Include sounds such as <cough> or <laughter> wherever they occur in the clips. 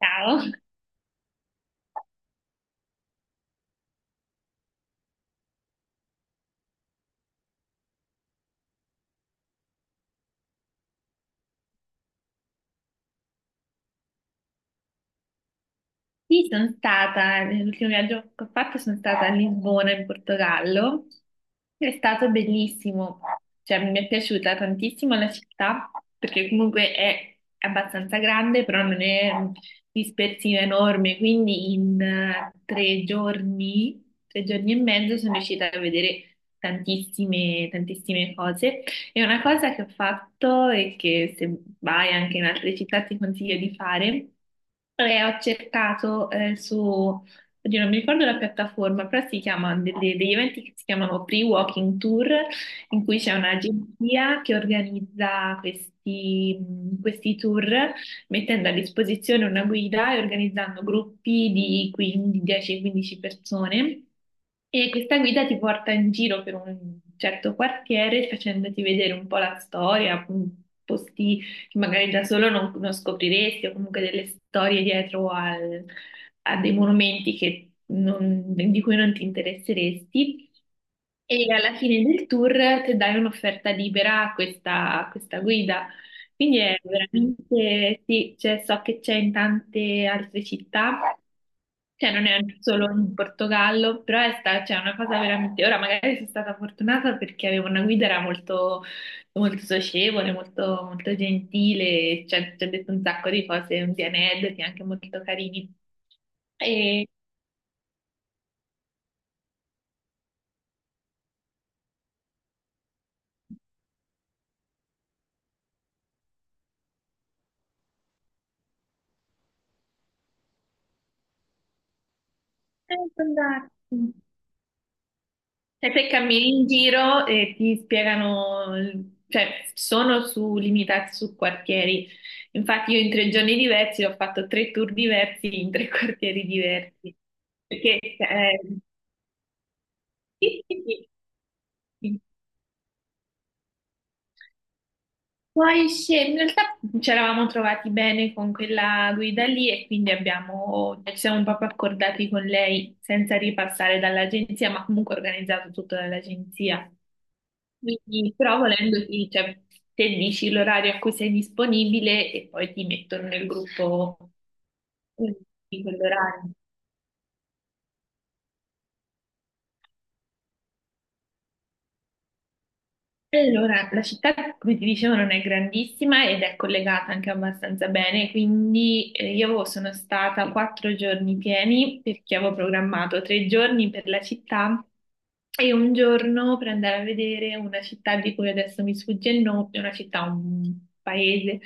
Ciao, sì, sono stata, l'ultimo viaggio che ho fatto sono stata a Lisbona in Portogallo, è stato bellissimo, cioè mi è piaciuta tantissimo la città perché comunque è abbastanza grande, però non è dispersiva enorme, quindi in tre giorni e mezzo sono riuscita a vedere tantissime, tantissime cose. E una cosa che ho fatto e che se vai anche in altre città ti consiglio di fare, è ho cercato su, oddio, non mi ricordo la piattaforma, però si chiama degli eventi che si chiamano Free Walking Tour, in cui c'è un'agenzia che organizza questi tour mettendo a disposizione una guida e organizzando gruppi di 15 10-15 persone. E questa guida ti porta in giro per un certo quartiere facendoti vedere un po' la storia, posti che magari da solo non scopriresti, o comunque delle storie dietro a dei monumenti che non- di cui non ti interesseresti. E alla fine del tour ti dai un'offerta libera a questa guida. Quindi è veramente, sì, cioè, so che c'è in tante altre città, cioè non è solo in Portogallo, però cioè, è una cosa veramente, ora magari sono stata fortunata perché avevo una guida, era molto, molto socievole, molto, molto gentile, cioè, ci ha detto un sacco di cose, un di aneddoti anche molto carini. E... Sono andata. Sì. E te cammini in giro e ti spiegano, cioè sono limitati su quartieri. Infatti io in tre giorni diversi ho fatto tre tour diversi in tre <laughs> quartieri diversi. Perché Sì, sì, sì. Poi in realtà ci eravamo trovati bene con quella guida lì e quindi abbiamo, ci siamo proprio accordati con lei senza ripassare dall'agenzia, ma comunque organizzato tutto dall'agenzia. Quindi, però volendo, sì, cioè, te dici l'orario a cui sei disponibile e poi ti mettono nel gruppo eh, di quell'orario. Allora, la città, come ti dicevo, non è grandissima ed è collegata anche abbastanza bene, quindi io sono stata quattro giorni pieni perché avevo programmato tre giorni per la città e un giorno per andare a vedere una città di cui adesso mi sfugge il nome, una città, un paese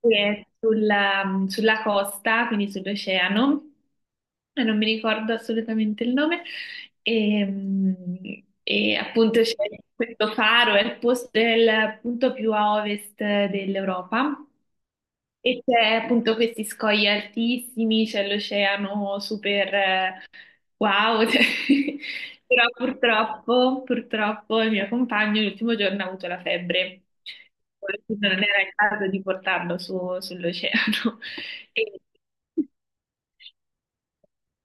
che è sulla costa, quindi sull'oceano. Non mi ricordo assolutamente il nome, e appunto c'è questo faro, è il punto più a ovest dell'Europa, e c'è appunto questi scogli altissimi, c'è l'oceano super, wow, <laughs> cioè, però purtroppo, purtroppo il mio compagno l'ultimo giorno ha avuto la febbre, non era il caso di portarlo sull'oceano. <laughs> E-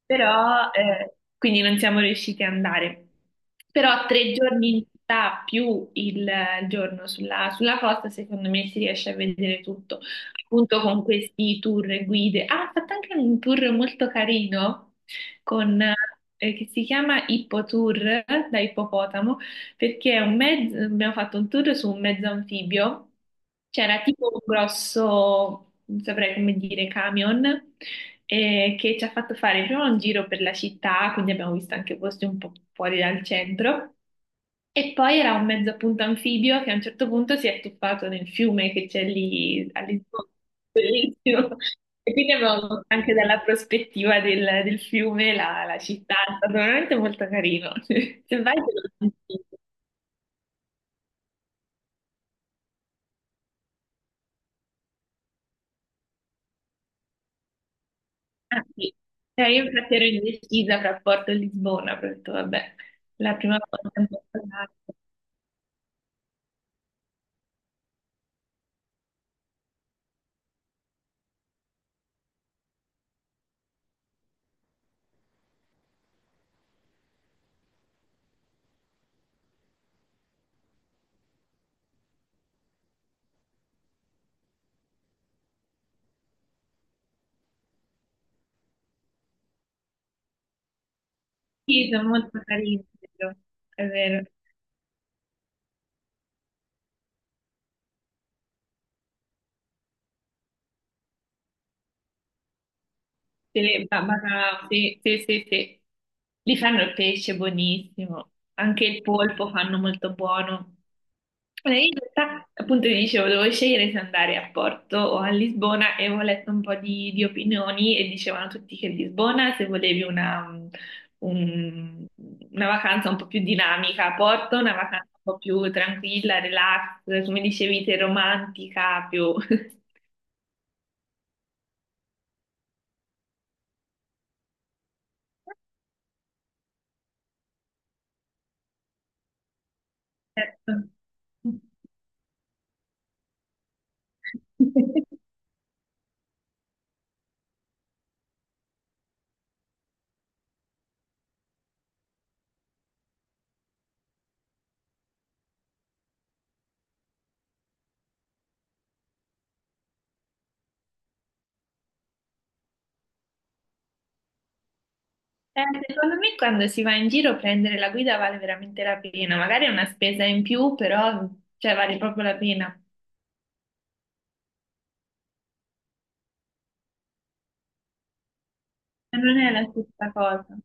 Però quindi non siamo riusciti ad andare. Però tre giorni in città più il giorno sulla costa, secondo me si riesce a vedere tutto, appunto con questi tour e guide. Ah, ha fatto anche un tour molto carino con, che si chiama Hippo Tour, da ippopotamo, perché è un mezzo, abbiamo fatto un tour su un mezzo anfibio, c'era tipo un grosso, non saprei come dire, camion che ci ha fatto fare prima un giro per la città, quindi abbiamo visto anche posti un po' fuori dal centro, e poi era un mezzo appunto anfibio che a un certo punto si è tuffato nel fiume che c'è lì a Lisbona, bellissimo. E quindi abbiamo visto anche dalla prospettiva del fiume la città, è stato veramente molto carino. <laughs> Se vai te lo consiglio. Ah, sì. Io infatti ero indecisa fra Porto e Lisbona, però ho detto vabbè, la prima volta è un po' strano. Sì, sono molto carini, è vero. È vero. Se le- ba- Bacalà, sì, sì, sì, sì. Li fanno il pesce buonissimo, anche il polpo fanno molto buono. E in realtà, appunto, ti dicevo, dovevo scegliere se andare a Porto o a Lisbona e ho letto un po' di opinioni e dicevano tutti che Lisbona, se volevi una, un- una vacanza un po' più dinamica, a Porto una vacanza un po' più tranquilla, relax, come dicevi te, romantica, più... <laughs> Certo. <laughs> Secondo me quando si va in giro prendere la guida vale veramente la pena, magari è una spesa in più, però cioè, vale proprio la pena. E non è la stessa cosa.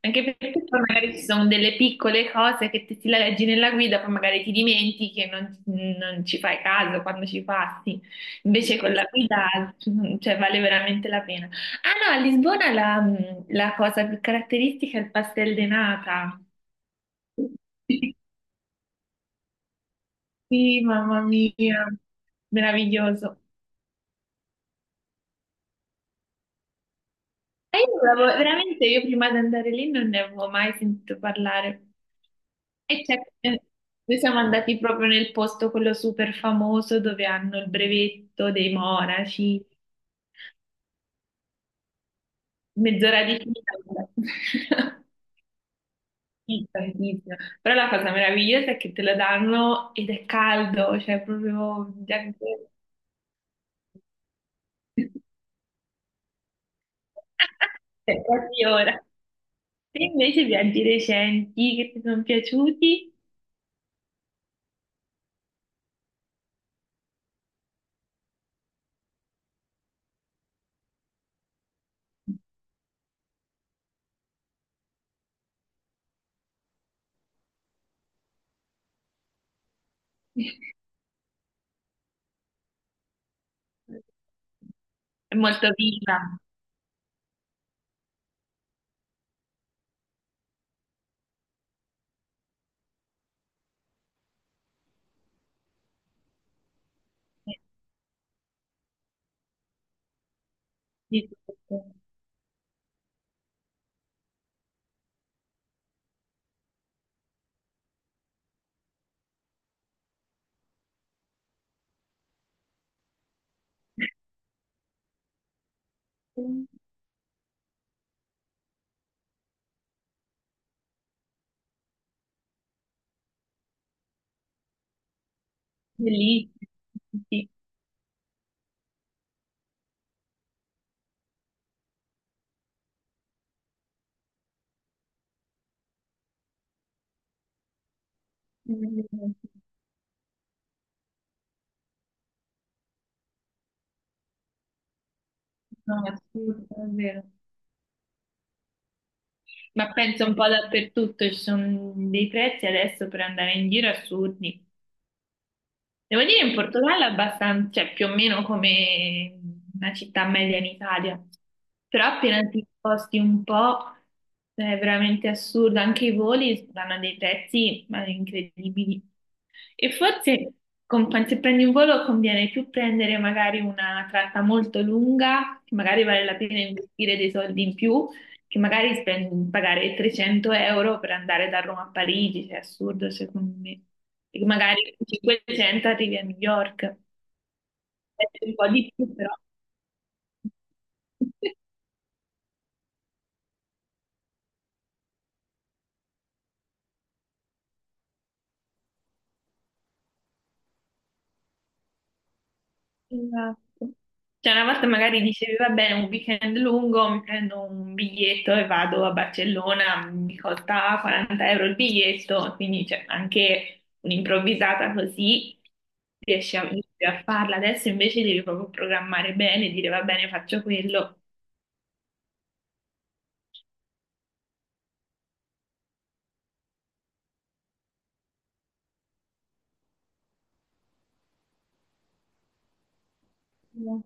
Anche perché poi magari ci sono delle piccole cose che te ti la leggi nella guida, poi magari ti dimentichi e non ci fai caso quando ci passi. Invece con la guida, cioè, vale veramente la pena. Ah no, a Lisbona la, la cosa più caratteristica è il pastel de nata. Sì, mamma mia, meraviglioso. E io non avevo- veramente io prima di andare lì non ne avevo mai sentito parlare. E c'è- eh, Noi siamo andati proprio nel posto quello super famoso dove hanno il brevetto dei monaci, mezz'ora di fila. <laughs> Sì, tantissimo. Però la cosa meravigliosa è che te lo danno ed è caldo, cioè proprio... <laughs> È quasi ora. Te invece viaggi recenti che ti sono piaciuti? È molto viva. eh, di tutto. Bellissima. Sì. No, assurdo, davvero. Ma penso un po' dappertutto, ci sono dei prezzi adesso per andare in giro assurdi. Devo dire in Portogallo è abbastanza, cioè più o meno come una città media in Italia, però appena ti sposti un po' cioè, è veramente assurdo, anche i voli danno dei prezzi ma, incredibili. E forse se prendi un volo conviene più prendere magari una tratta molto lunga, che magari vale la pena investire dei soldi in più, che magari spendi- pagare 300 euro per andare da Roma a Parigi, cioè è assurdo secondo me. E che magari con 500 arrivi a New York. È un po' di più però. <laughs> Esatto. Cioè una volta magari dicevi, va bene, un weekend lungo, mi prendo un biglietto e vado a Barcellona, mi costa 40 euro il biglietto, quindi cioè, anche un'improvvisata così riesci a, riesci a farla. Adesso invece devi proprio programmare bene, dire va bene, faccio quello. Come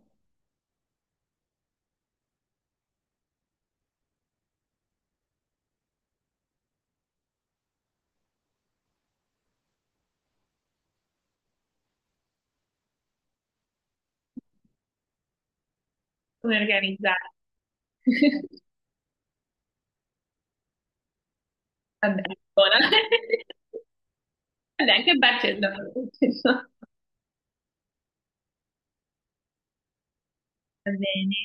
organizzare? <laughs> Vabbè, buona. <laughs> Vabbè, anche Barcellona. <laughs> Va bene.